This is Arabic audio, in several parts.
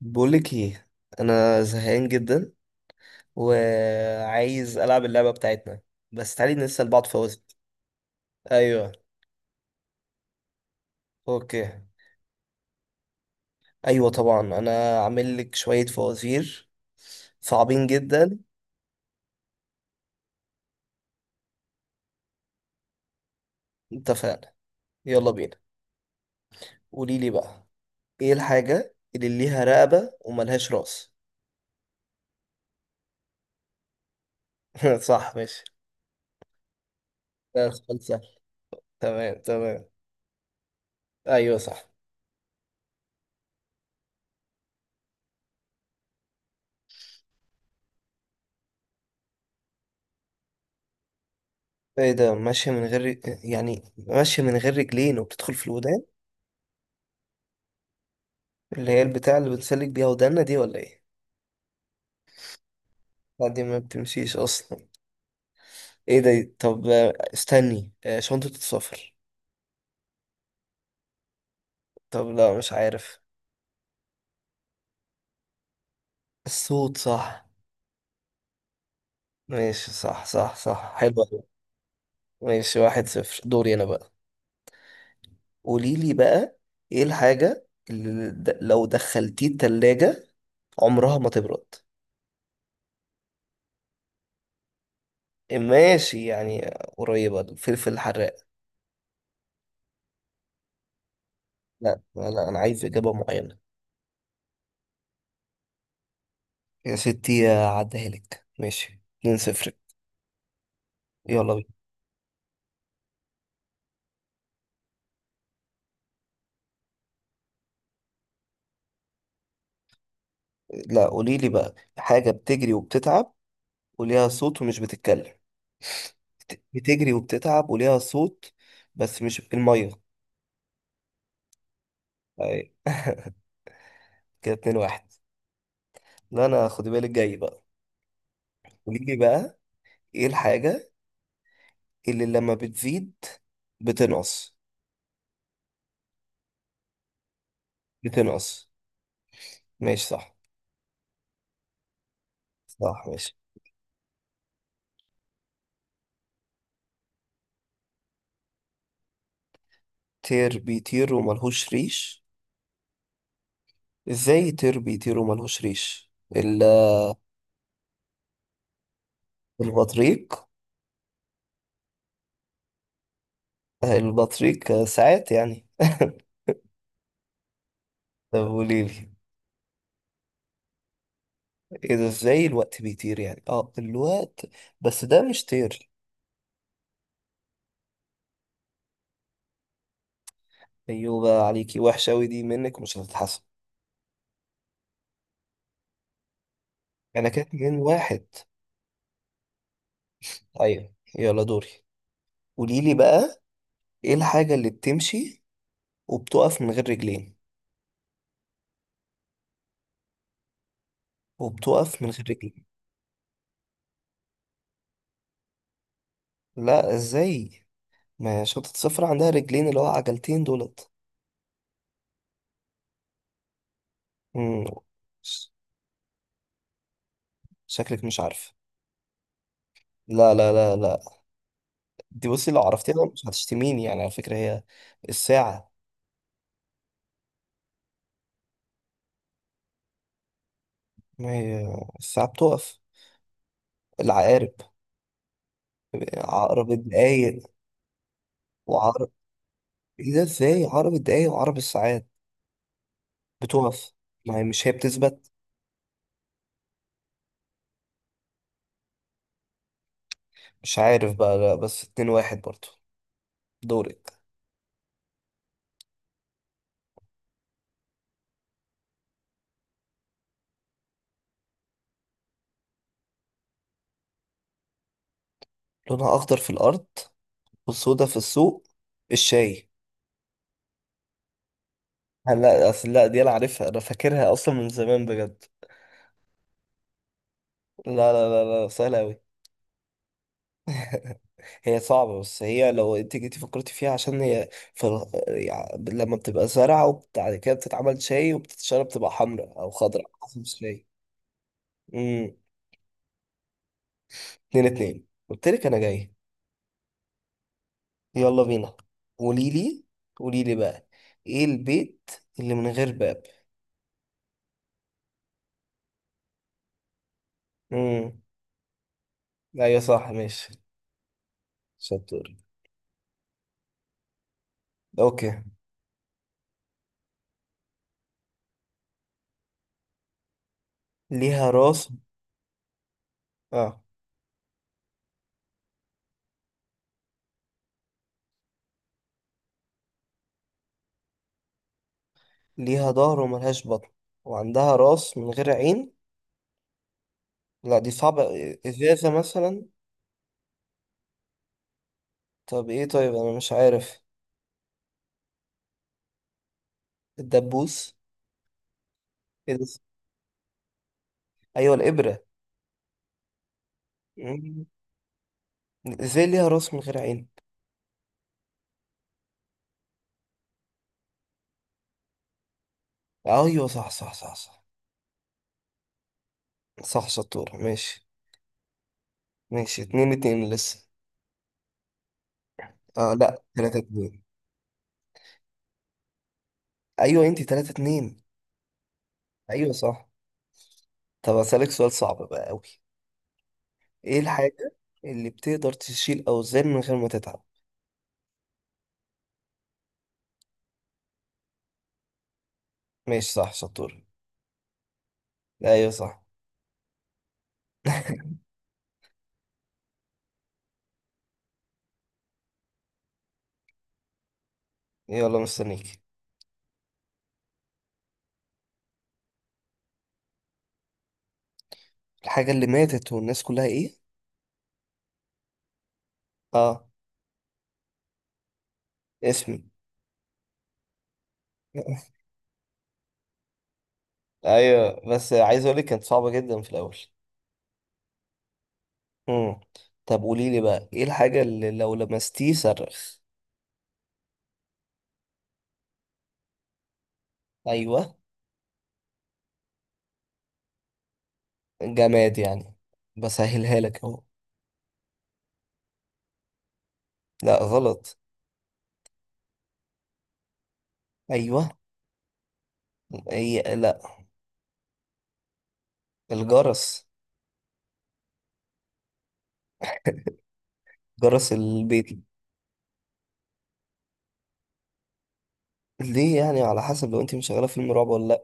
بقولك ايه؟ انا زهقان جدا وعايز العب اللعبه بتاعتنا بس تعالي نسال بعض فوازير. ايوه. اوكي. ايوه طبعا، انا عامل لك شويه فوازير صعبين جدا. اتفقنا، يلا بينا. قولي لي بقى، ايه الحاجه اللي ليها رقبه وملهاش راس؟ صح ماشي. ده سؤال سهل. تمام تمام. ايوه صح. ايه ده؟ ماشيه من غير يعني ماشيه من غير رجلين وبتدخل في الودان. اللي هي البتاع اللي بنسلك بيها ودانا دي ولا ايه؟ لا دي ما بتمشيش اصلا. ايه ده؟ طب استني، شنطة السفر. طب لا، مش عارف. الصوت، صح ماشي. صح صح صح، حلو أوي. ماشي 1-0، دوري انا بقى. قولي لي بقى، ايه الحاجة اللي لو دخلتيه التلاجة عمرها ما تبرد؟ ماشي يعني، قريبة الفلفل الحراق. لا لا، انا عايز اجابة معينة. يا ستي عديها لك ماشي 2-0. يلا بينا. لا، قولي لي بقى، حاجة بتجري وبتتعب وليها صوت ومش بتتكلم. بتجري وبتتعب وليها صوت، بس مش المية. أي، كده 2-1. لا، انا خدي بالك جاي بقى. قوليلي بقى، ايه الحاجة اللي لما بتزيد بتنقص؟ بتنقص. ماشي صح. صح ماشي. طير بيطير وملهوش ريش؟ ازاي طير بيطير وملهوش ريش؟ البطريق؟ البطريق ساعات يعني. طب قوليلي. ايه ده؟ ازاي الوقت بيطير يعني؟ اه الوقت، بس ده مش طير. ايوه بقى، عليكي وحشة اوي دي منك، مش هتتحسن. انا كانت 2-1. ايوه يلا دوري. قوليلي بقى، ايه الحاجة اللي بتمشي وبتقف من غير رجلين؟ وبتقف من غير رجلين. لا ازاي؟ ما شنطة السفر عندها رجلين اللي هو عجلتين دولت. مم. ش- شكلك مش عارف. لا لا لا لا، دي بصي لو عرفتيها مش هتشتميني يعني، على فكرة هي الساعة. ما هي الساعة بتقف، العقارب، عقرب الدقايق وعقرب ايه ده؟ ازاي عقرب الدقايق وعقرب الساعات بتقف؟ ما هي مش هي بتثبت. مش عارف بقى. لا بس 2-1 برضو، دورك. لونها اخضر في الارض وسودا في السوق؟ الشاي. لا اصل، لا دي انا عارفها، انا فاكرها اصلا من زمان بجد. لا لا لا لا، سهله قوي. هي صعبه بس هي لو انت جيتي فكرتي فيها عشان هي في ال- يعني لما بتبقى زرعه وبعد كده بتتعمل شاي وبتتشرب بتبقى حمراء او خضراء حسب الشاي. 2-2، قلت لك انا جاي. يلا بينا، قولي لي، قولي لي بقى، ايه البيت اللي من غير باب؟ امم، ايوه صح ماشي شطور. اوكي. ليها راس، اه ليها ظهر وملهاش بطن وعندها راس من غير عين؟ لا دي صعبة. ازازة مثلا؟ طب ايه؟ طيب انا مش عارف. الدبوس؟ ايه ده؟ ايوه الابرة. مم. ازاي ليها راس من غير عين؟ ايوه صح صح صح صح. صح شطور ماشي. ماشي 2-2 لسه. اه لا، 3-2. ايوه انت 3-2. ايوه صح. طب اسالك سؤال صعب بقى قوي. ايه الحاجه اللي بتقدر تشيل اوزان من غير ما تتعب؟ ماشي صح شطور. ايوه صح. يلا مستنيك. الحاجه اللي ماتت والناس كلها ايه؟ اه، اسمي. ايوه بس عايز اقول لك كانت صعبه جدا في الاول. امم طب قولي لي بقى، ايه الحاجه اللي لو لمستيه صرخ؟ ايوه. جماد يعني. بسهلها لك اهو. لا غلط. ايوه هي. الجرس، جرس البيت. ليه يعني؟ على حسب، لو انت مشغله فيلم رعب ولا لا.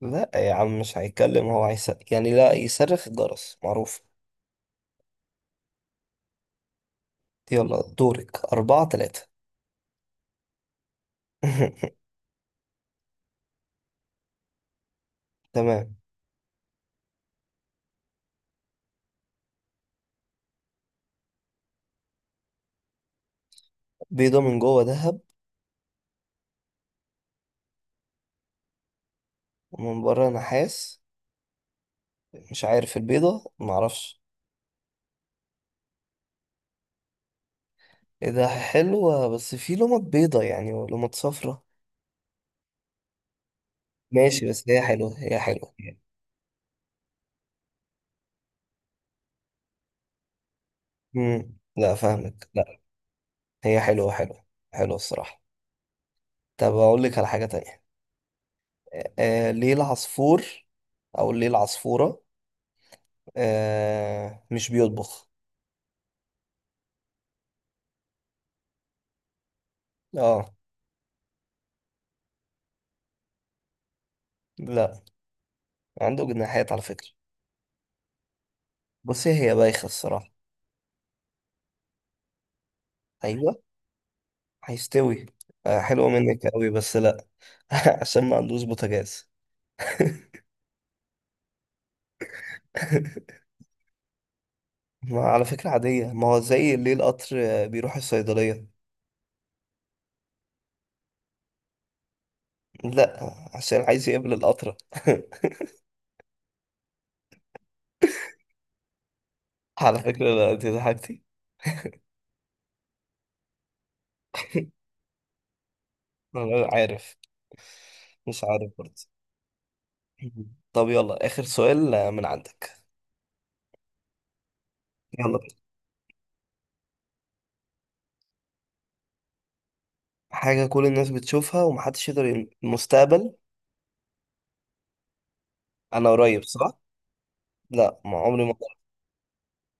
لا يا عم مش هيتكلم، هو هيس يعني، لا يصرخ، الجرس معروف. يلا دورك، 4-3. تمام. بيضة من جوه ذهب ومن بره نحاس؟ مش عارف البيضة، معرفش. ايه ده، حلوة بس في لمط بيضة يعني ولمط صفرة. ماشي بس هي حلوة، هي حلوة. مم. لا فاهمك، لا. هي حلوة حلوة، حلوة الصراحة. طب أقول لك على حاجة تانية. ليه العصفور، او ليه العصفورة مش بيطبخ؟ اه. لا، عنده جناحات على فكرة. بصي هي بايخة الصراحة. ايوه هيستوي. آه حلوة منك قوي بس لا. عشان ما عندوش بوتاجاز. ما على فكرة عادية، ما هو زي ليه القطر بيروح الصيدلية؟ لا، عشان عايز يقابل القطرة. على فكرة لا، انت ضحكتي. انا عارف، مش عارف برضه. طب يلا آخر سؤال من عندك. يلا بينا. حاجة كل الناس بتشوفها ومحدش يقدر المستقبل؟ أنا قريب صح؟ لا ما عمري ما قريب.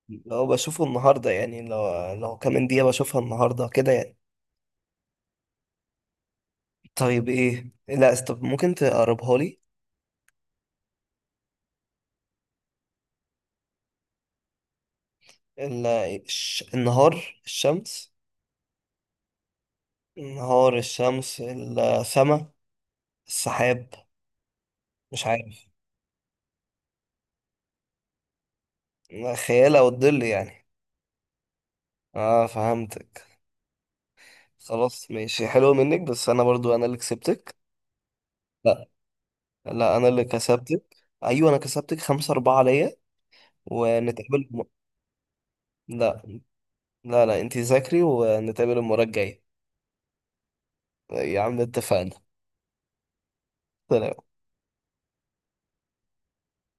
لو بشوفه النهاردة يعني، لو كمان دقيقة بشوفها النهاردة كده يعني. طيب إيه؟ لا طب ممكن تقربها لي. النهار الشمس. النهار الشمس السما، السحاب. مش عارف. خيال أو الظل يعني. اه فهمتك. خلاص ماشي، حلو منك، بس أنا برضو أنا اللي كسبتك. لا انا اللي كسبتك. ايوه انا كسبتك، 5-4 ليا. ونتقابل لا لا لا، انتي ذاكري ونتقابل المرة الجاية. يا عم اتفقنا، سلام.